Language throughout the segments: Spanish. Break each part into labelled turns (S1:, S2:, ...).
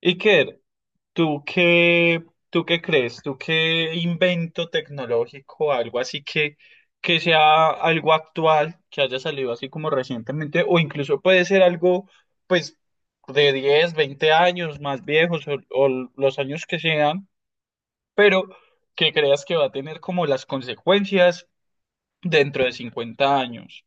S1: Iker, ¿tú qué, tú qué crees? ¿Tú qué invento tecnológico, algo así que sea algo actual, que haya salido así como recientemente, o incluso puede ser algo, pues, de 10, 20 años más viejos o los años que sean, pero que creas que va a tener como las consecuencias dentro de 50 años?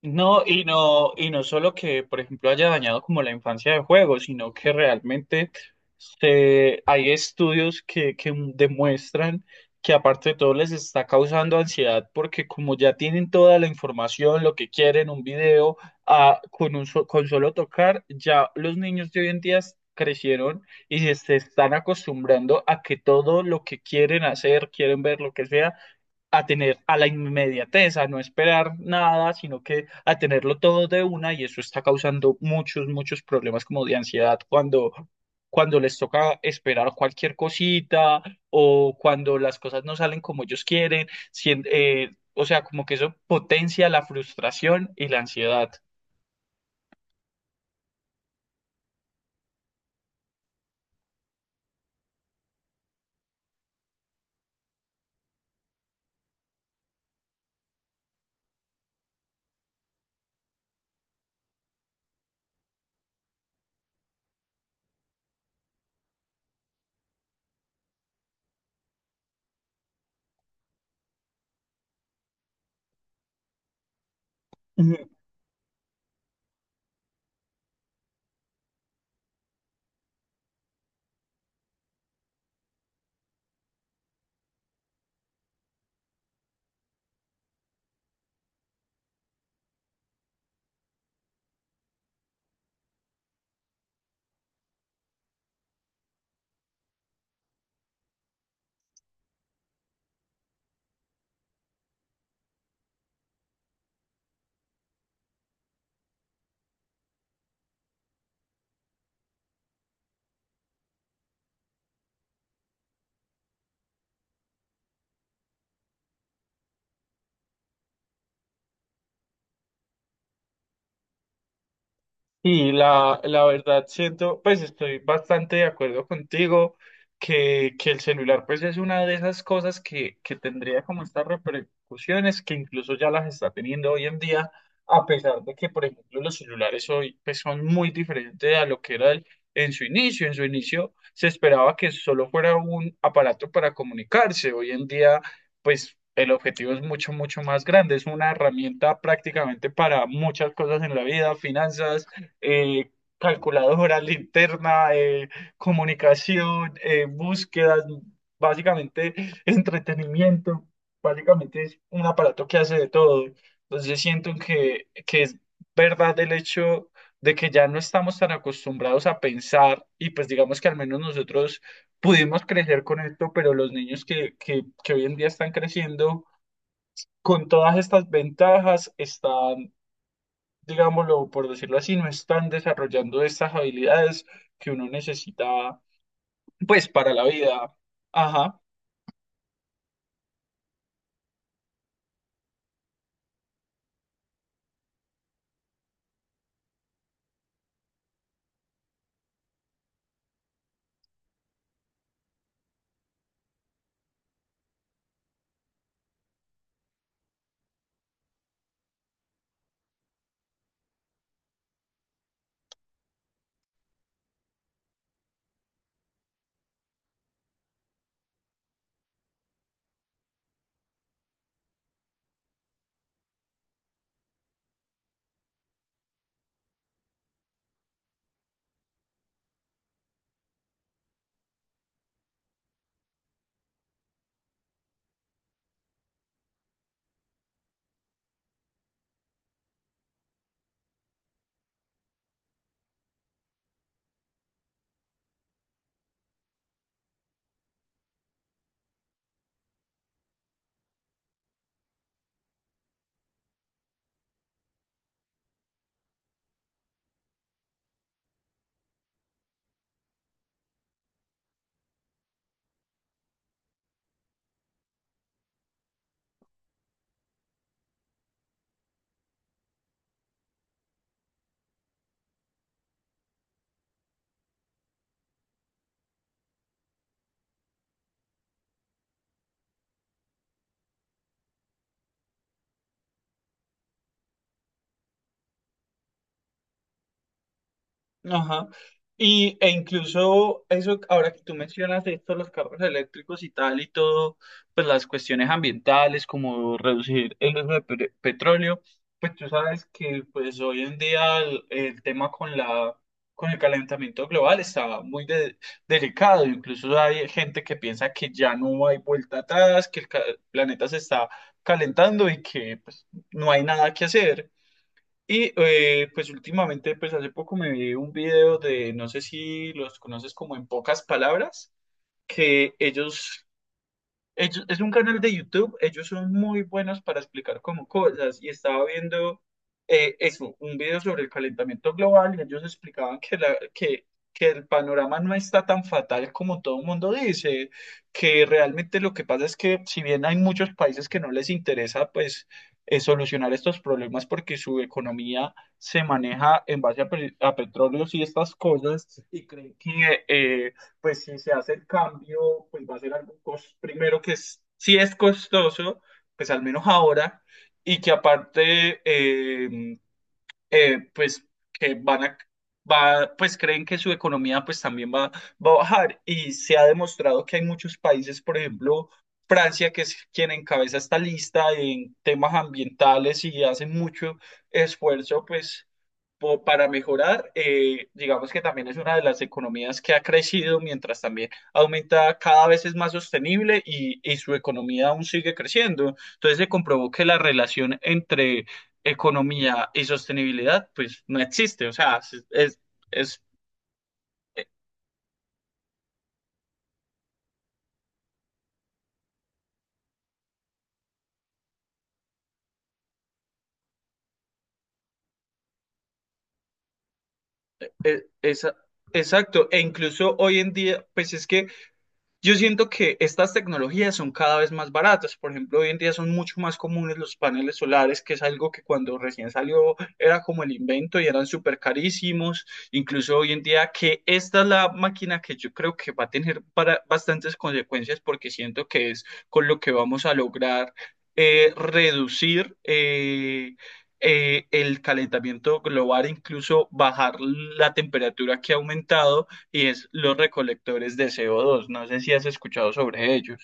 S1: No, y no solo que, por ejemplo, haya dañado como la infancia de juego, sino que realmente hay estudios que demuestran que aparte de todo les está causando ansiedad porque como ya tienen toda la información, lo que quieren, un video, con solo tocar, ya los niños de hoy en día crecieron y se están acostumbrando a que todo lo que quieren hacer, quieren ver lo que sea, a tener a la inmediatez, a no esperar nada, sino que a tenerlo todo de una, y eso está causando muchos, muchos problemas como de ansiedad cuando les toca esperar cualquier cosita, o cuando las cosas no salen como ellos quieren, o sea, como que eso potencia la frustración y la ansiedad. Y la verdad siento, pues estoy bastante de acuerdo contigo que el celular pues es una de esas cosas que tendría como estas repercusiones, que incluso ya las está teniendo hoy en día, a pesar de que por ejemplo los celulares hoy pues son muy diferentes a lo que era en su inicio. En su inicio se esperaba que solo fuera un aparato para comunicarse. Hoy en día pues el objetivo es mucho, mucho más grande. Es una herramienta prácticamente para muchas cosas en la vida: finanzas, eh, calculadora, linterna, comunicación, búsquedas, básicamente entretenimiento. Básicamente es un aparato que hace de todo. Entonces siento que es verdad el hecho de que ya no estamos tan acostumbrados a pensar, y pues digamos que al menos nosotros pudimos crecer con esto, pero los niños que hoy en día están creciendo con todas estas ventajas están, digámoslo por decirlo así, no están desarrollando estas habilidades que uno necesita, pues, para la vida. Ajá. Ajá. E incluso eso, ahora que tú mencionas esto, los carros eléctricos y tal y todo, pues las cuestiones ambientales, como reducir el uso de petróleo, pues tú sabes que pues hoy en día el tema con con el calentamiento global está muy delicado. Incluso hay gente que piensa que ya no hay vuelta atrás, que el planeta se está calentando y que pues no hay nada que hacer. Pues últimamente, pues hace poco me vi un video de, no sé si los conoces, como en pocas palabras. que ellos es un canal de YouTube, ellos son muy buenos para explicar como cosas, y estaba viendo, eso, un video sobre el calentamiento global, y ellos explicaban que el panorama no está tan fatal como todo el mundo dice, que realmente lo que pasa es que, si bien hay muchos países que no les interesa pues, solucionar estos problemas porque su economía se maneja en base a petróleos y estas cosas, y creen que pues si se hace el cambio, pues va a ser algo, primero que es, si es costoso, pues al menos ahora, y que aparte, pues, que van a, va, pues creen que su economía pues también va a bajar. Y se ha demostrado que hay muchos países, por ejemplo, Francia, que es quien encabeza esta lista en temas ambientales y hace mucho esfuerzo, pues, para mejorar, digamos, que también es una de las economías que ha crecido, mientras también aumenta, cada vez es más sostenible, y, su economía aún sigue creciendo. Entonces se comprobó que la relación entre economía y sostenibilidad pues no existe, o sea, es, es- e- e, esa- exacto, e incluso hoy en día, pues es que yo siento que estas tecnologías son cada vez más baratas. Por ejemplo, hoy en día son mucho más comunes los paneles solares, que es algo que cuando recién salió era como el invento y eran súper carísimos. Incluso hoy en día, que esta es la máquina que yo creo que va a tener para bastantes consecuencias, porque siento que es con lo que vamos a lograr, reducir, el calentamiento global, incluso bajar la temperatura que ha aumentado, y es los recolectores de CO2. No sé si has escuchado sobre ello.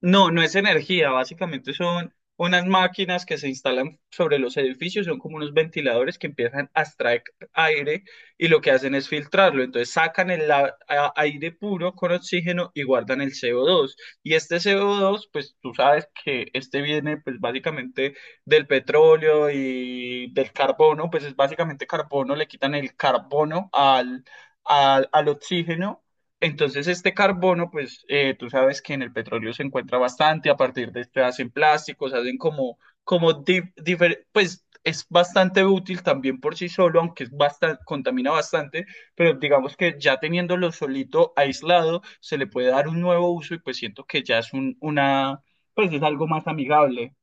S1: No, no es energía, básicamente son unas máquinas que se instalan sobre los edificios, son como unos ventiladores que empiezan a extraer aire, y lo que hacen es filtrarlo. Entonces sacan el aire puro con oxígeno y guardan el CO2. Y este CO2, pues tú sabes que este viene pues básicamente del petróleo y del carbono, pues es básicamente carbono, le quitan el carbono al oxígeno. Entonces, este carbono, pues, tú sabes que en el petróleo se encuentra bastante, a partir de este hacen plásticos, hacen como, como, pues es bastante útil también por sí solo, aunque es bastante, contamina bastante, pero digamos que ya teniéndolo solito, aislado, se le puede dar un nuevo uso, y pues siento que ya es una, pues es algo más amigable.